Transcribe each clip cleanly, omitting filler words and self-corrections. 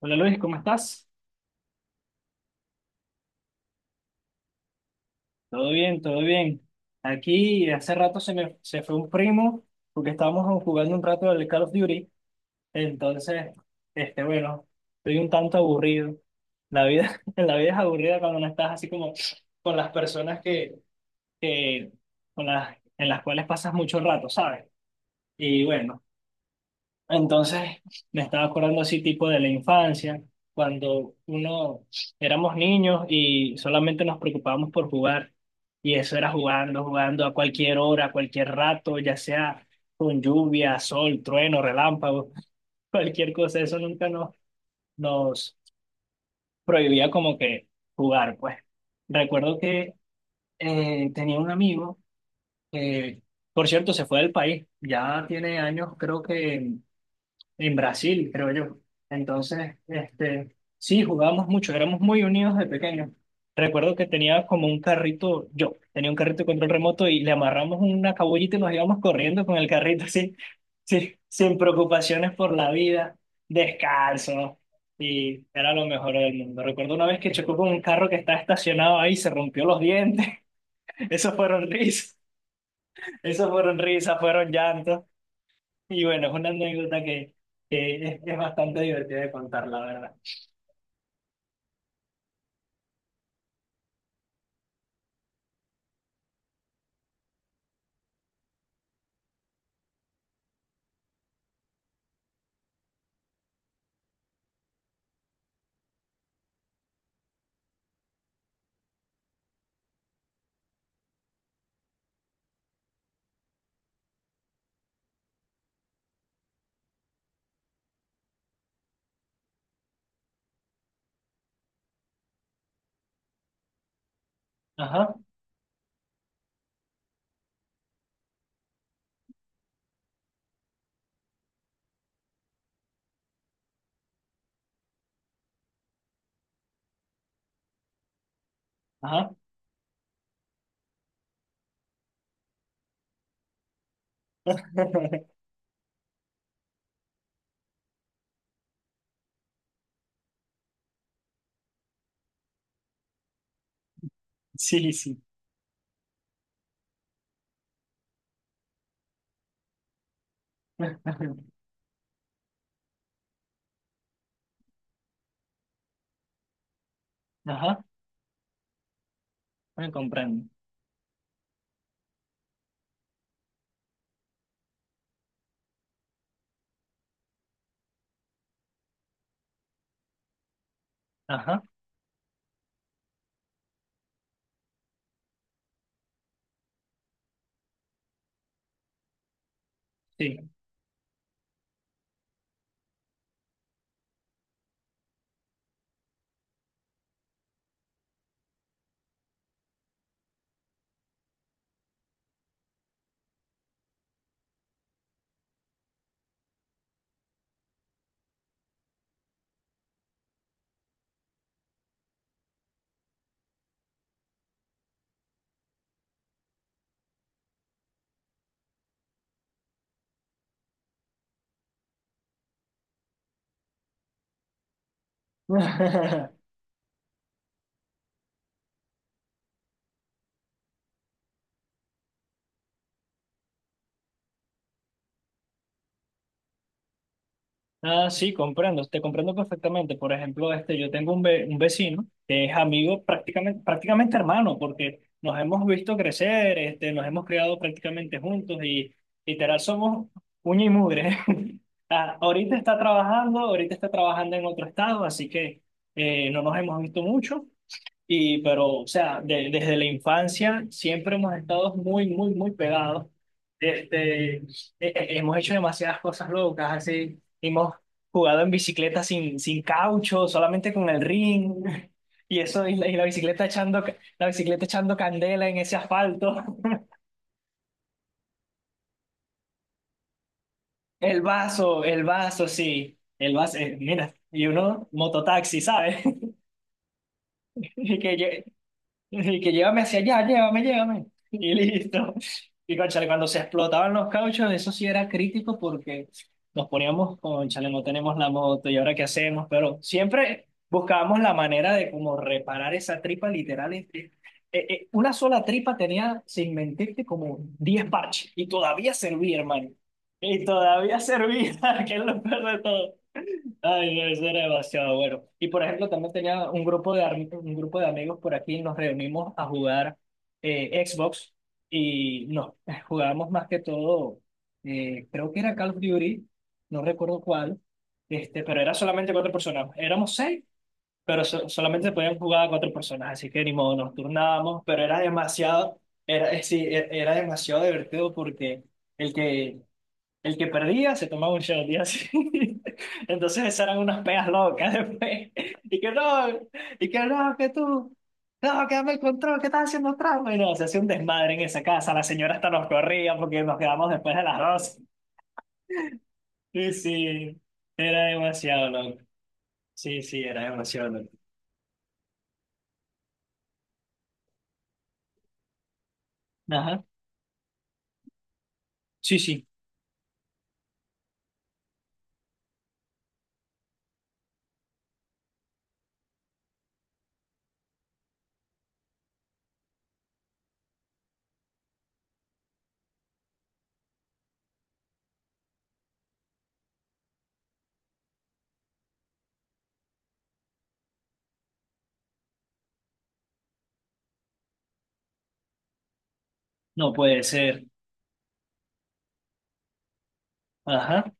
Hola Luis, ¿cómo estás? Todo bien, todo bien. Aquí hace rato se fue un primo porque estábamos jugando un rato del Call of Duty. Entonces, bueno, estoy un tanto aburrido. La vida, la vida es aburrida cuando no estás así como con las personas que con en las cuales pasas mucho rato, ¿sabes? Y bueno, entonces, me estaba acordando así tipo de la infancia, cuando uno éramos niños y solamente nos preocupábamos por jugar. Y eso era jugando a cualquier hora, a cualquier rato, ya sea con lluvia, sol, trueno, relámpago, cualquier cosa. Eso nunca nos prohibía como que jugar, pues. Recuerdo que tenía un amigo que, por cierto, se fue del país. Ya tiene años, creo que en Brasil, creo yo. Entonces, sí, jugábamos mucho, éramos muy unidos de pequeños. Recuerdo que tenía como un carrito, yo tenía un carrito de control remoto y le amarramos una cabullita y nos íbamos corriendo con el carrito así, sí, sin preocupaciones por la vida, descalzo. Y era lo mejor del mundo. Recuerdo una vez que chocó con un carro que estaba estacionado ahí y se rompió los dientes. Esos fueron risas, esos fueron risas, fueron llantos. Y bueno, es una anécdota que es bastante divertida de contar, la verdad. Ajá, ajá. Sí, sí. Ajá, me comprendo. Ajá, sí. Ah, sí, comprendo, te comprendo perfectamente. Por ejemplo, yo tengo un vecino que es amigo prácticamente, prácticamente hermano, porque nos hemos visto crecer, nos hemos criado prácticamente juntos y literal somos uña y mugre. Ah, ahorita está trabajando en otro estado, así que no nos hemos visto mucho, y pero, o sea, desde la infancia siempre hemos estado muy, muy, muy pegados. Este, e- hemos hecho demasiadas cosas locas, así. Hemos jugado en bicicleta sin caucho, solamente con el ring. Y eso, y la bicicleta la bicicleta echando candela en ese asfalto. El vaso, sí. El vaso, mira, y uno, mototaxi, ¿sabes? Y que, lle- Y que llévame hacia allá, llévame, llévame. Y listo. Y cónchale, cuando se explotaban los cauchos, eso sí era crítico porque nos poníamos, cónchale, no tenemos la moto y ahora qué hacemos, pero siempre buscábamos la manera de como reparar esa tripa literal. Una sola tripa tenía, sin mentirte, como 10 parches y todavía servía, hermano. Y todavía servía, que es lo peor de todo. Ay, no, eso era demasiado bueno. Y por ejemplo, también tenía un grupo de amigos por aquí, nos reunimos a jugar Xbox y nos jugábamos más que todo, creo que era Call of Duty, no recuerdo cuál, pero era solamente cuatro personas. Éramos seis, pero solamente se podían jugar cuatro personas, así que ni modo, nos turnábamos, pero era demasiado, era, sí, e- era demasiado divertido porque el que el que perdía se tomaba un shot y así. Entonces esas eran unas pegas locas después. Y que no, y que no, que dame el control, que estás haciendo trampa. Y no, se hacía un desmadre en esa casa. La señora hasta nos corría porque nos quedamos después de las 12. Sí, sí, era demasiado loco. Sí, sí, era demasiado loco. Ajá. Sí, sí, no puede ser. Ajá.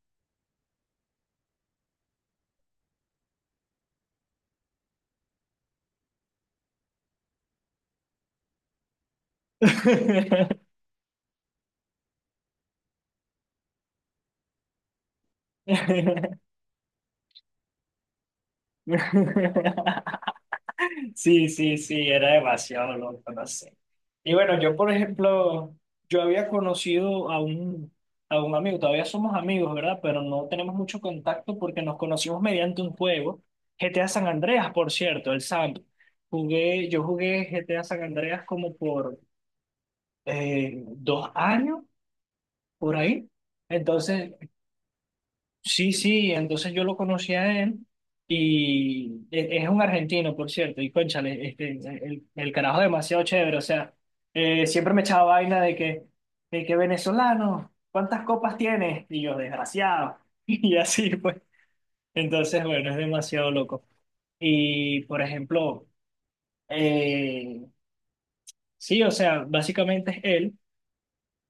Sí, sí, sí, era demasiado loco, no sé. Y bueno, yo por ejemplo, yo había conocido a a un amigo, todavía somos amigos, ¿verdad? Pero no tenemos mucho contacto porque nos conocimos mediante un juego, GTA San Andreas, por cierto, el SAMP. Jugué, yo jugué GTA San Andreas como por 2 años, por ahí. Entonces, sí, sí, entonces yo lo conocí a él y es un argentino, por cierto, y cónchale, el carajo es demasiado chévere, o sea, siempre me echaba vaina de que venezolano, ¿cuántas copas tienes? Y yo, desgraciado, y así pues. Entonces, bueno, es demasiado loco. Y, por ejemplo, eh, sí, o sea, básicamente es él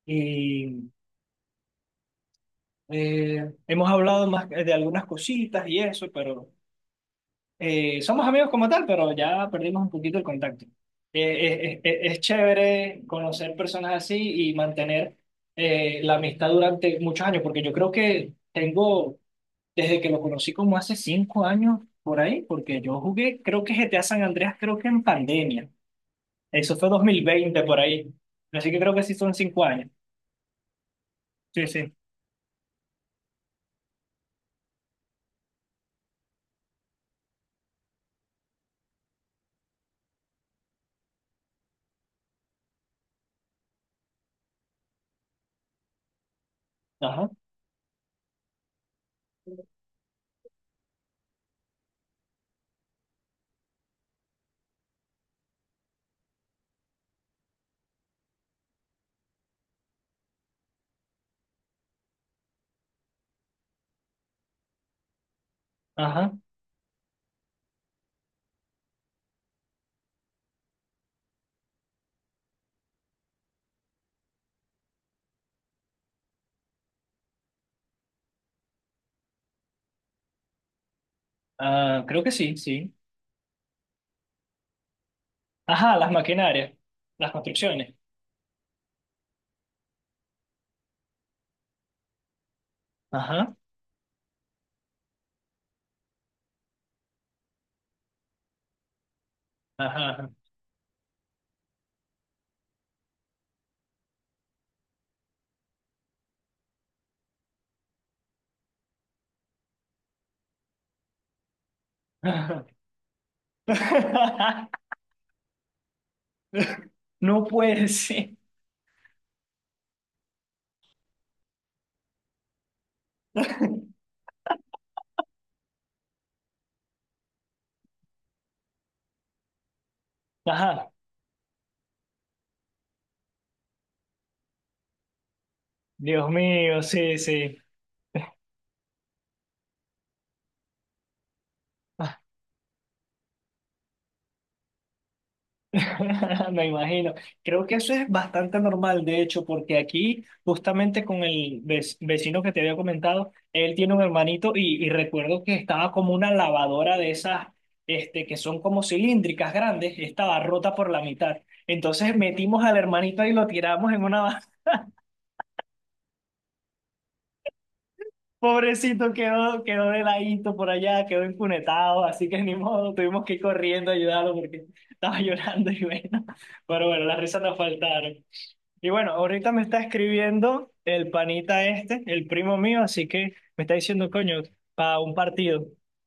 y hemos hablado más de algunas cositas y eso, pero... somos amigos como tal, pero ya perdimos un poquito el contacto. Es chévere conocer personas así y mantener la amistad durante muchos años, porque yo creo que tengo, desde que lo conocí como hace 5 años por ahí, porque yo jugué, creo que GTA San Andreas, creo que en pandemia. Eso fue 2020 por ahí. Así que creo que sí son 5 años. Sí, sí. Ajá, ajá. Ah, creo que sí, sí. Ajá, las maquinarias, las construcciones. Ajá, ajá. Ajá. No puede ser. Ajá, Dios mío, sí, sí. Ah, me imagino. Creo que eso es bastante normal, de hecho, porque aquí, justamente con el vecino que te había comentado, él tiene un hermanito y recuerdo que estaba como una lavadora de esas, este, que son como cilíndricas grandes, estaba rota por la mitad. Entonces metimos al hermanito y lo tiramos en una pobrecito quedó, quedó de ladito por allá, quedó infunetado, así que ni modo, tuvimos que ir corriendo a ayudarlo porque estaba llorando y bueno, pero bueno, las risas nos faltaron. Y bueno, ahorita me está escribiendo el panita este, el primo mío, así que me está diciendo, coño, para un partido,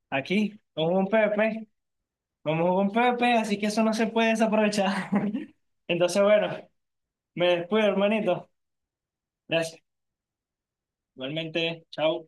aquí, vamos a un Pepe, vamos a un Pepe, así que eso no se puede desaprovechar. Entonces, bueno, me despido, hermanito. Gracias. Igualmente, chao.